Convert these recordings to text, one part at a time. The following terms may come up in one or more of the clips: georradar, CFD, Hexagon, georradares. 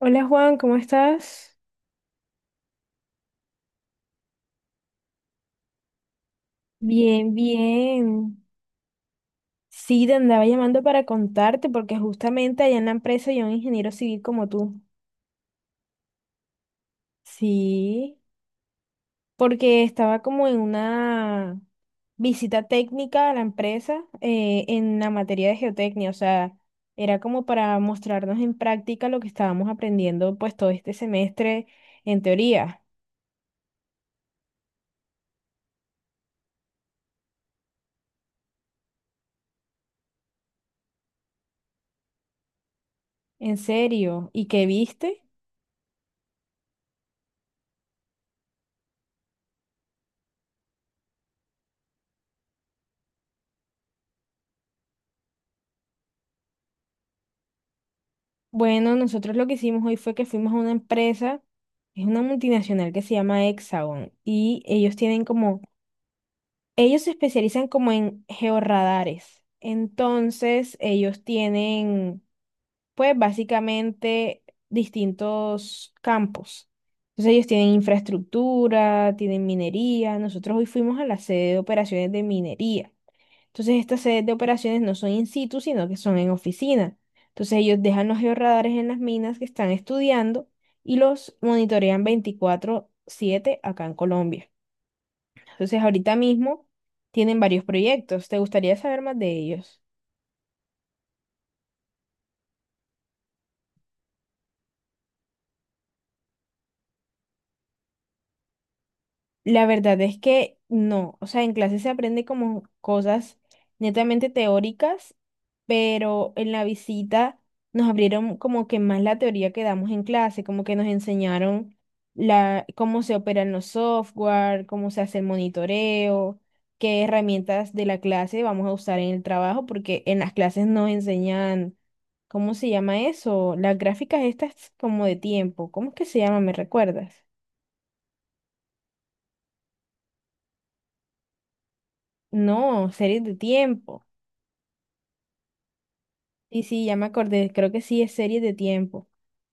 Hola Juan, ¿cómo estás? Bien, bien. Sí, te andaba llamando para contarte porque justamente allá en la empresa hay un ingeniero civil como tú. Sí, porque estaba como en una visita técnica a la empresa en la materia de geotecnia, o sea, era como para mostrarnos en práctica lo que estábamos aprendiendo pues todo este semestre en teoría, en serio. ¿Y qué viste? Bueno, nosotros lo que hicimos hoy fue que fuimos a una empresa, es una multinacional que se llama Hexagon y ellos tienen como, ellos se especializan como en georradares. Entonces, ellos tienen, pues básicamente distintos campos. Entonces, ellos tienen infraestructura, tienen minería. Nosotros hoy fuimos a la sede de operaciones de minería. Entonces, estas sedes de operaciones no son in situ, sino que son en oficina. Entonces, ellos dejan los georradares en las minas que están estudiando y los monitorean 24/7 acá en Colombia. Entonces, ahorita mismo tienen varios proyectos. ¿Te gustaría saber más de ellos? La verdad es que no, o sea, en clase se aprende como cosas netamente teóricas, pero en la visita nos abrieron como que más la teoría que damos en clase, como que nos enseñaron la, cómo se operan los software, cómo se hace el monitoreo, qué herramientas de la clase vamos a usar en el trabajo, porque en las clases nos enseñan, ¿cómo se llama eso? Las gráficas estas como de tiempo, ¿cómo es que se llama? ¿Me recuerdas? No, series de tiempo. Y sí, ya me acordé, creo que sí es serie de tiempo.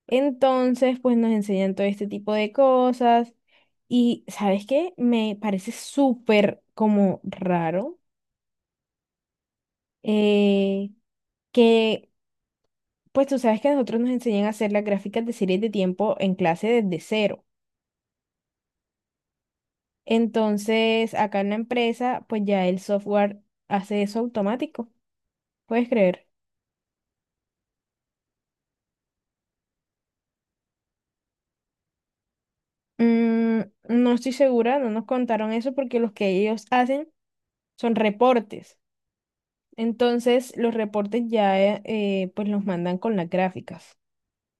Entonces, pues nos enseñan todo este tipo de cosas. Y, ¿sabes qué? Me parece súper como raro eh, que, pues tú sabes que nosotros nos enseñan a hacer las gráficas de series de tiempo en clase desde cero. Entonces, acá en la empresa, pues ya el software hace eso automático, ¿puedes creer? Mm, no estoy segura, no nos contaron eso porque los que ellos hacen son reportes. Entonces, los reportes ya pues los mandan con las gráficas.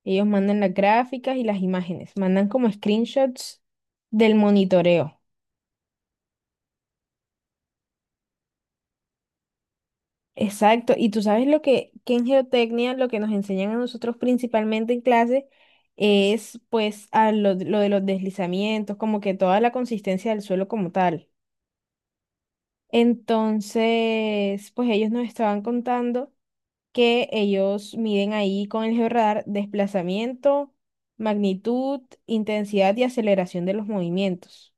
Ellos mandan las gráficas y las imágenes, mandan como screenshots del monitoreo. Exacto. Y tú sabes lo que en geotecnia lo que nos enseñan a nosotros principalmente en clase es pues a lo de los deslizamientos, como que toda la consistencia del suelo como tal. Entonces, pues ellos nos estaban contando. Que ellos miden ahí con el georradar desplazamiento, magnitud, intensidad y aceleración de los movimientos.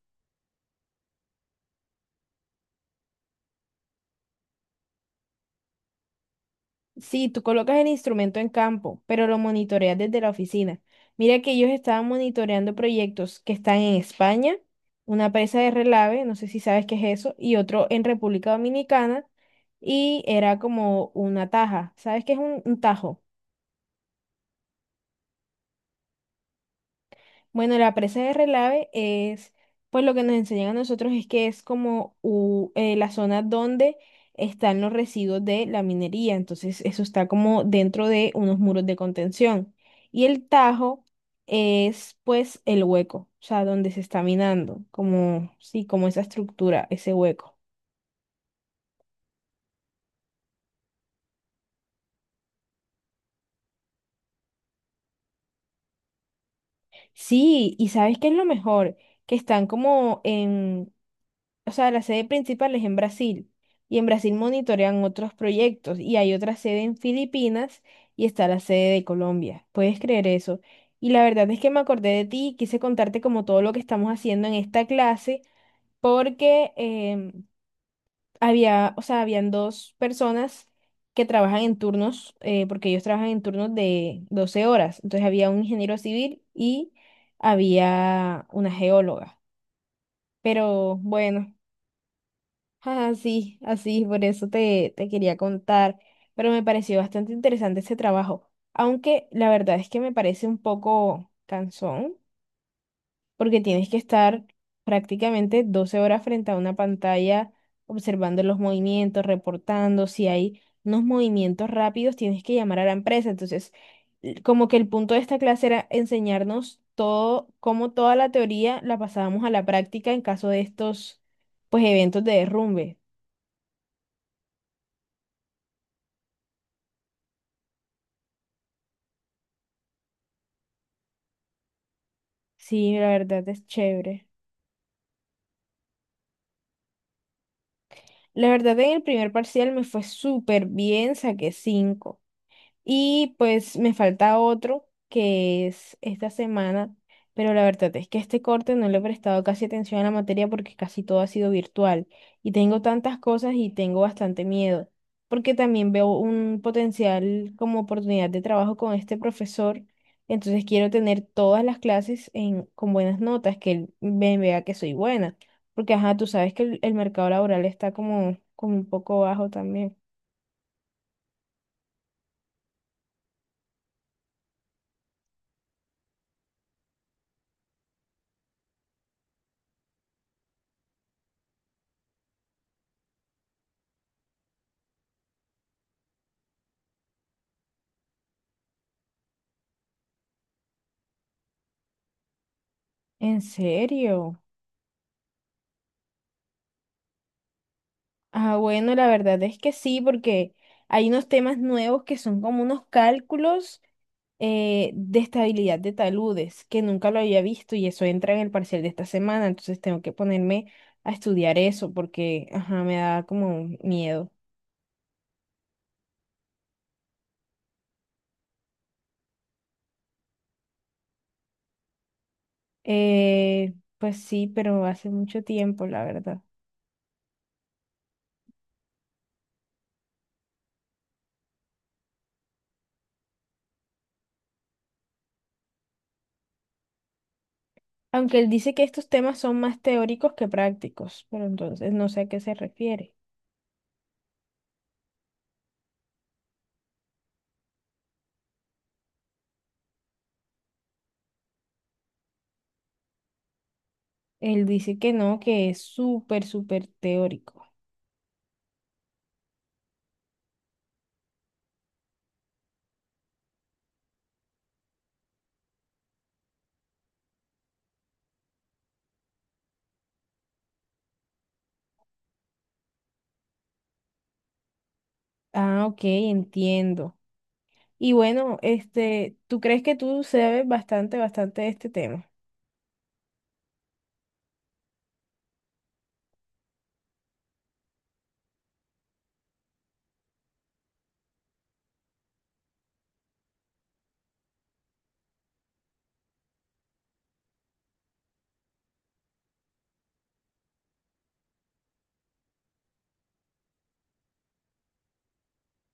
Sí, tú colocas el instrumento en campo, pero lo monitoreas desde la oficina. Mira que ellos estaban monitoreando proyectos que están en España, una presa de relave, no sé si sabes qué es eso, y otro en República Dominicana, y era como una taja. ¿Sabes qué es un tajo? Bueno, la presa de Relave es, pues lo que nos enseñan a nosotros es que es como la zona donde están los residuos de la minería, entonces eso está como dentro de unos muros de contención. Y el Tajo es pues el hueco, o sea, donde se está minando, como, sí, como esa estructura, ese hueco. Sí, y ¿sabes qué es lo mejor? Que están como o sea, la sede principal es en Brasil y en Brasil monitorean otros proyectos y hay otra sede en Filipinas y está la sede de Colombia. ¿Puedes creer eso? Y la verdad es que me acordé de ti y quise contarte como todo lo que estamos haciendo en esta clase porque em, había, o sea, habían dos personas que trabajan en turnos, porque ellos trabajan en turnos de 12 horas. Entonces había un ingeniero civil y había una geóloga. Pero bueno. Ah, sí, así, por eso te, te quería contar, pero me pareció bastante interesante ese trabajo, aunque la verdad es que me parece un poco cansón, porque tienes que estar prácticamente 12 horas frente a una pantalla observando los movimientos, reportando, si hay unos movimientos rápidos, tienes que llamar a la empresa, entonces como que el punto de esta clase era enseñarnos todo, cómo toda la teoría la pasábamos a la práctica en caso de estos, pues, eventos de derrumbe. Sí, la verdad es chévere. La verdad en el primer parcial me fue súper bien, saqué 5. Y pues me falta otro que es esta semana, pero la verdad es que este corte no le he prestado casi atención a la materia porque casi todo ha sido virtual y tengo tantas cosas y tengo bastante miedo, porque también veo un potencial como oportunidad de trabajo con este profesor, entonces quiero tener todas las clases en, con buenas notas, que él me vea que soy buena, porque ajá, tú sabes que el mercado laboral está como, como un poco bajo también. ¿En serio? Ah, bueno, la verdad es que sí, porque hay unos temas nuevos que son como unos cálculos de estabilidad de taludes, que nunca lo había visto y eso entra en el parcial de esta semana, entonces tengo que ponerme a estudiar eso porque, ajá, me da como miedo. Pues sí, pero hace mucho tiempo, la verdad. Aunque él dice que estos temas son más teóricos que prácticos, pero entonces no sé a qué se refiere. Él dice que no, que es súper, súper teórico. Ah, ok, entiendo. Y bueno, este, ¿tú crees que tú sabes bastante, bastante de este tema?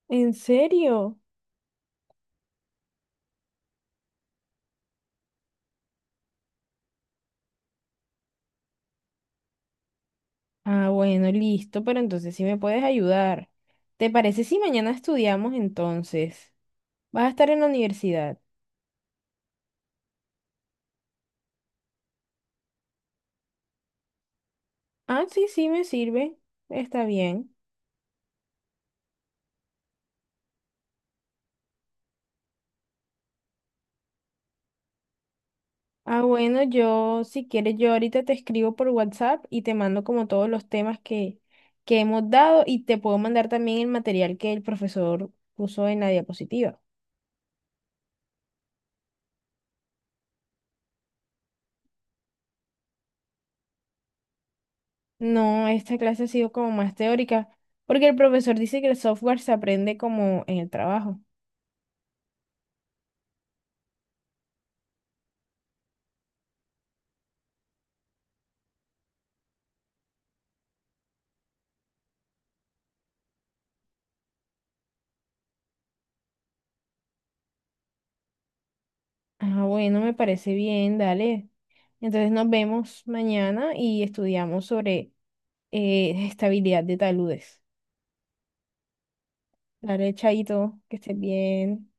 ¿En serio? Ah, bueno, listo, pero entonces sí me puedes ayudar. ¿Te parece si mañana estudiamos entonces? ¿Vas a estar en la universidad? Ah, sí, sí, me sirve. Está bien. Ah, bueno, yo, si quieres, yo ahorita te escribo por WhatsApp y te mando como todos los temas que hemos dado y te puedo mandar también el material que el profesor puso en la diapositiva. No, esta clase ha sido como más teórica, porque el profesor dice que el software se aprende como en el trabajo. Ah, bueno, me parece bien, dale. Entonces nos vemos mañana y estudiamos sobre estabilidad de taludes. Dale, chaito, que estés bien.